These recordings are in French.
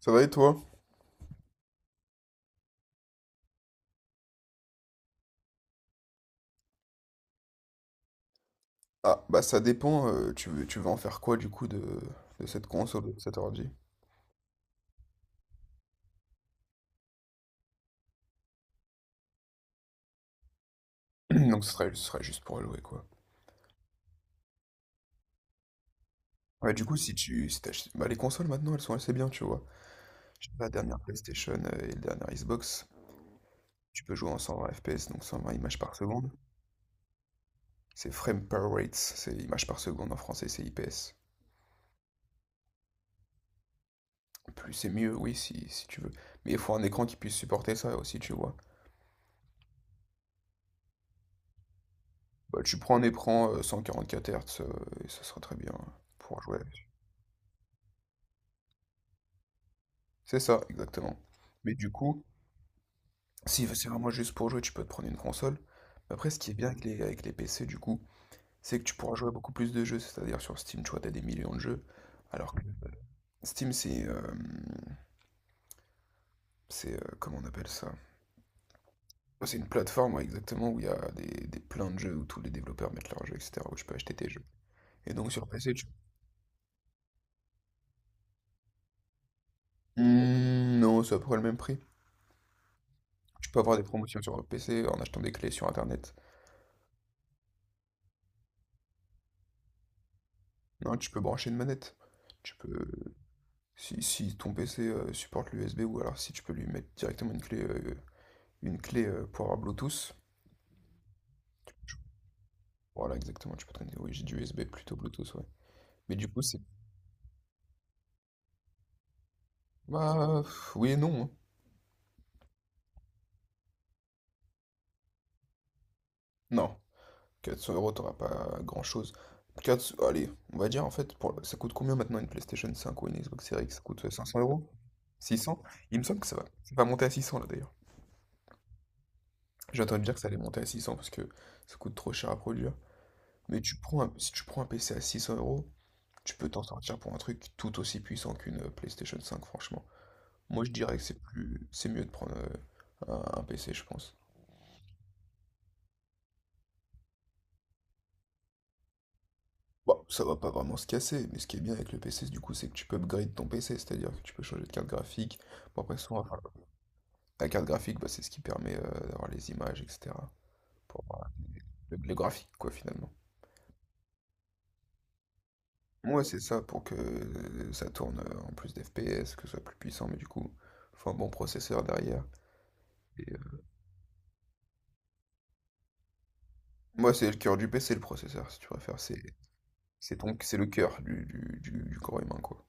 Ça va et toi? Ah, bah ça dépend, tu veux en faire quoi du coup de cette console ou de cet ordi? Donc ce serait juste pour allouer quoi. Ouais, du coup, si tu si t'achètes- bah, les consoles maintenant elles sont assez bien, tu vois. J'ai la dernière PlayStation et le dernier Xbox, tu peux jouer en 120 FPS, donc 120 images par seconde. C'est frame per rates, c'est images par seconde en français, c'est IPS. Plus c'est mieux, oui, si tu veux. Mais il faut un écran qui puisse supporter ça aussi, tu vois. Bah, tu prends un écran 144 Hz et ça sera très bien pour jouer. C'est ça, exactement. Mais du coup, si c'est vraiment juste pour jouer, tu peux te prendre une console. Mais après, ce qui est bien avec les PC, du coup, c'est que tu pourras jouer à beaucoup plus de jeux. C'est-à-dire sur Steam, tu vois, t'as des millions de jeux. Alors que Steam, comment on appelle ça? C'est une plateforme, ouais, exactement, où il y a des plein de jeux, où tous les développeurs mettent leurs jeux, etc., où tu peux acheter tes jeux. Et donc sur PC, tu. Hmm, non, c'est à peu près le même prix. Tu peux avoir des promotions sur PC en achetant des clés sur Internet. Non, tu peux brancher une manette. Tu peux. Si ton PC supporte l'USB ou alors si tu peux lui mettre directement une clé pour avoir Bluetooth. Voilà, exactement, tu peux traîner. Oui, j'ai dit USB plutôt Bluetooth, ouais. Mais du coup, c'est. Bah, pff, oui et non, hein. Non, 400 euros, t'auras pas grand-chose. Allez, on va dire en fait, pour, ça coûte combien maintenant une PlayStation 5 ou une Xbox Series X? Ça coûte 500 euros? 600? Il me semble que ça va, c'est pas monter à 600 là d'ailleurs. J'ai entendu dire que ça allait monter à 600 parce que ça coûte trop cher à produire. Mais si tu prends un PC à 600 euros, tu peux t'en sortir pour un truc tout aussi puissant qu'une PlayStation 5, franchement. Moi, je dirais que c'est plus, c'est mieux de prendre un PC, je pense. Bon, ça va pas vraiment se casser, mais ce qui est bien avec le PC, du coup, c'est que tu peux upgrade ton PC, c'est-à-dire que tu peux changer de carte graphique. Bon, après, souvent, enfin, la carte graphique, bah, c'est ce qui permet d'avoir les images, etc. Pour avoir le graphique, quoi, finalement. Moi, c'est ça pour que ça tourne en plus d'FPS, que ce soit plus puissant, mais du coup, faut un bon processeur derrière. Et, euh, Moi, c'est le cœur du PC, le processeur, si tu préfères. C'est donc c'est le cœur du corps humain, quoi.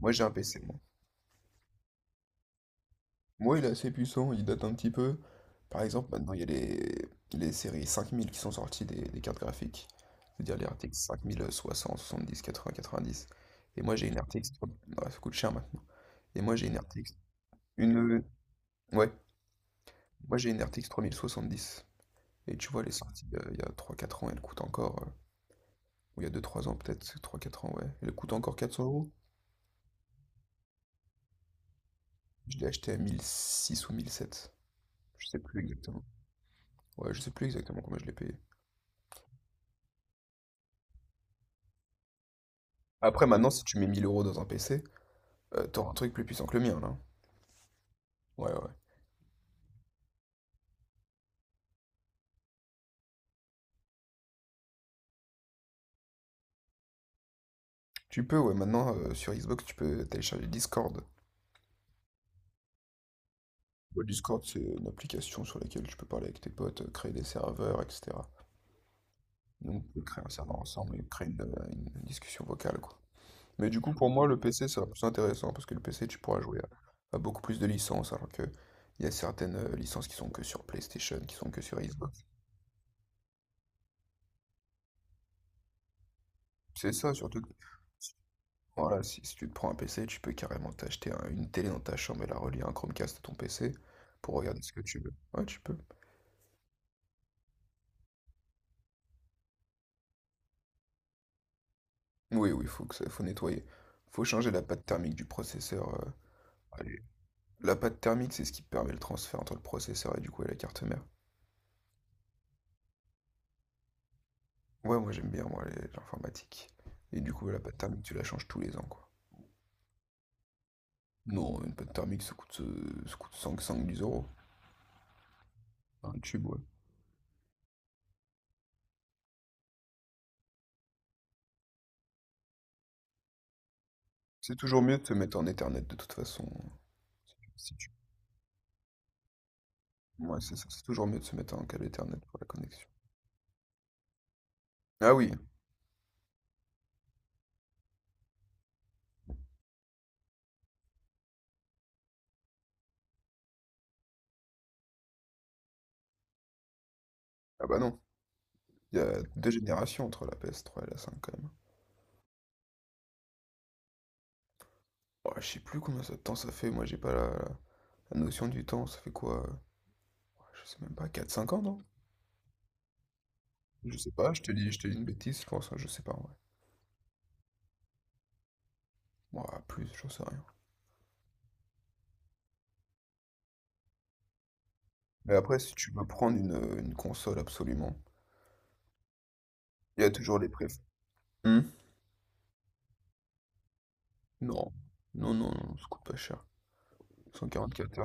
Moi, j'ai un PC, moi. Moi, il est assez puissant, il date un petit peu. Par exemple, maintenant, il y a les séries 5000 qui sont sorties des cartes graphiques. C'est-à-dire les RTX 5060, 70, 80, 90. Et moi, j'ai une RTX. Ah, ça coûte cher maintenant. Et moi, j'ai une RTX. Une... Ouais. Moi, j'ai une RTX 3070. Et tu vois, elle est sortie il y a trois quatre ans, elle coûte encore. Ou il y a deux trois ans, peut-être, trois quatre ans, ouais. Elle coûte encore 400 euros. Je l'ai acheté à 1006 ou 1007. Je sais plus exactement. Ouais, je sais plus exactement combien je l'ai payé. Après, maintenant, si tu mets 1000 € dans un PC, t'auras un truc plus puissant que le mien, là. Ouais, ouais. Tu peux, ouais, maintenant, sur Xbox, tu peux télécharger Discord. Ouais, Discord, c'est une application sur laquelle tu peux parler avec tes potes, créer des serveurs, etc. Donc, on peut créer un serveur ensemble et créer une discussion vocale, quoi. Mais du coup, pour moi, le PC, ça va plus intéressant, parce que le PC, tu pourras jouer à beaucoup plus de licences, alors que il y a certaines licences qui sont que sur PlayStation, qui sont que sur Xbox. C'est ça, surtout. Voilà, si tu te prends un PC, tu peux carrément t'acheter une télé dans ta chambre et la relier à un Chromecast à ton PC pour regarder ce que tu veux. Ouais, tu peux. Oui, oui, faut que ça, faut nettoyer. Faut changer la pâte thermique du processeur. Allez. La pâte thermique, c'est ce qui permet le transfert entre le processeur et du coup et la carte mère. Ouais, moi j'aime bien moi l'informatique. Et du coup, la pâte thermique, tu la changes tous les ans, quoi. Non, une pâte thermique, ça coûte, ça coûte 5-10 euros. Un tube, ouais. C'est toujours mieux de se mettre en Ethernet de toute façon. Si. Ouais, c'est ça, c'est toujours mieux de se mettre en câble Ethernet pour la connexion. Ah oui, ah bah non, il y a deux générations entre la PS3 et la 5 quand même. Oh, je sais plus combien de temps ça fait, moi j'ai pas la notion du temps, ça fait quoi? Je sais même pas, quatre cinq ans, non? Je sais pas, je te dis une bêtise, je pense, je sais pas ouais vrai. Moi, plus, j'en sais rien. Mais après, si tu veux prendre une console absolument, il y a toujours les préf. Hmm. Non, non, non, non, ça coûte pas cher. 144.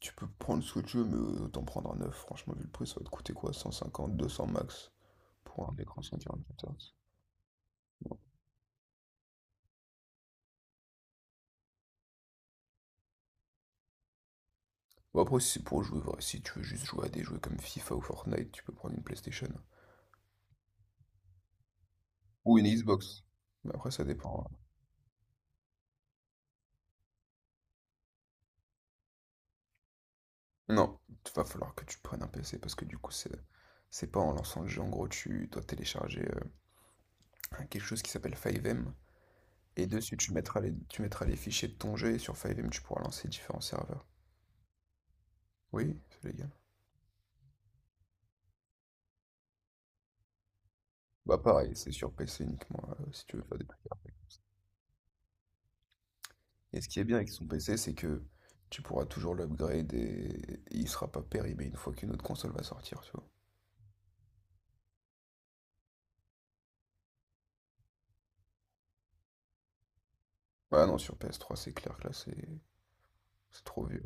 Tu peux prendre ce que tu veux, mais autant prendre un neuf. Franchement, vu le prix, ça va te coûter quoi? 150, 200 max pour un écran 144 Hz. Bon, après, si c'est pour jouer, vrai, si tu veux juste jouer à des jeux comme FIFA ou Fortnite, tu peux prendre une PlayStation. Ou une Xbox. Mais après, ça dépend, hein. Non, il va falloir que tu prennes un PC parce que du coup, c'est pas en lançant le jeu. En gros, tu dois télécharger quelque chose qui s'appelle 5M. Et dessus, tu mettras les fichiers de ton jeu et sur 5M, tu pourras lancer différents serveurs. Oui, c'est légal. Bah pareil, c'est sur PC uniquement si tu veux faire des trucs. Et ce qui est bien avec son PC, c'est que tu pourras toujours l'upgrade et il sera pas périmé une fois qu'une autre console va sortir, tu vois. Ah non, sur PS3, c'est clair que là, c'est trop vieux.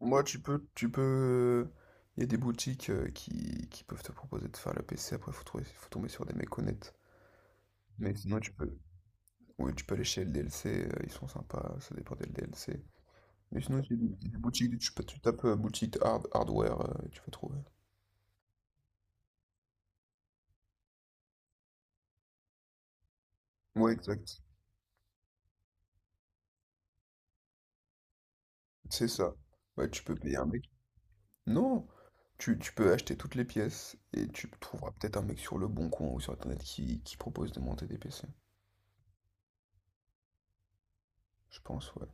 Ouais. Moi, tu peux. Il y a des boutiques qui peuvent te proposer de faire le PC. Après, faut trouver, faut tomber sur des mecs honnêtes. Mais sinon, oui, tu peux aller chez LDLC. Ils sont sympas. Ça dépend des LDLC. Mais sinon, il y a des boutiques. Tu tapes boutique hard, hardware et tu vas trouver. Ouais, exact. C'est ça. Ouais, tu peux payer un mec. Non, tu peux acheter toutes les pièces et tu trouveras peut-être un mec sur le Bon Coin ou sur Internet qui propose de monter des PC. Je pense, ouais.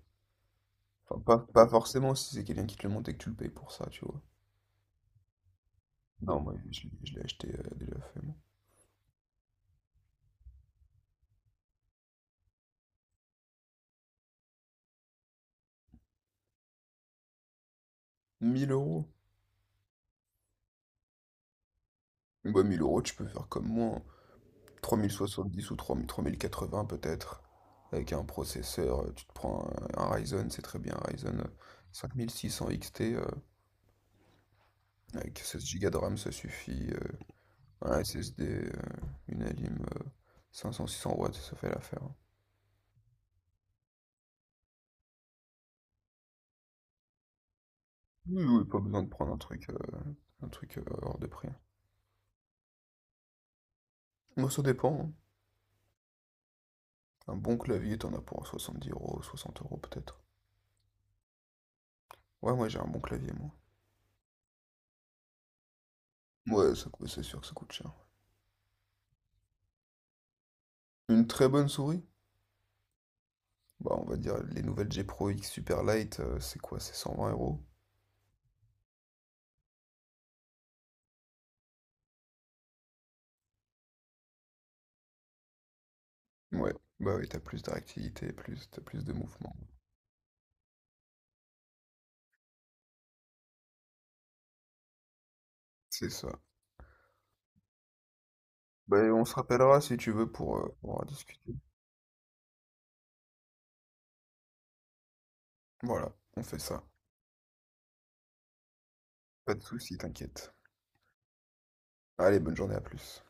Enfin, pas, pas forcément si c'est quelqu'un qui te le monte et que tu le payes pour ça, tu vois. Non, moi, je l'ai acheté déjà fait, moi. 1000 euros. Bah, 1000 euros, tu peux faire comme moi, hein. Dix ou trois trois mille quatre-vingts peut-être. Avec un processeur, tu te prends un Ryzen, c'est très bien, un Ryzen 5600 XT. Avec 16 Go de RAM, ça suffit. Un SSD, une Alim 500-600 watts, ça fait l'affaire, hein. Oui, oui, pas besoin de prendre un truc hors de prix, hein. Moi, ça dépend, hein. Un bon clavier, t'en as pour 70 euros, 60 € peut-être. Ouais, moi, j'ai un bon clavier, moi. Ouais, c'est sûr que ça coûte cher. Une très bonne souris? Bah, on va dire les nouvelles G Pro X Super Light, c'est quoi? C'est 120 euros? Ouais, bah oui, t'as plus de réactivité, plus, t'as plus de mouvement. C'est ça. Bah, et on se rappellera si tu veux pour en discuter. Voilà, on fait ça. Pas de souci, t'inquiète. Allez, bonne journée, à plus.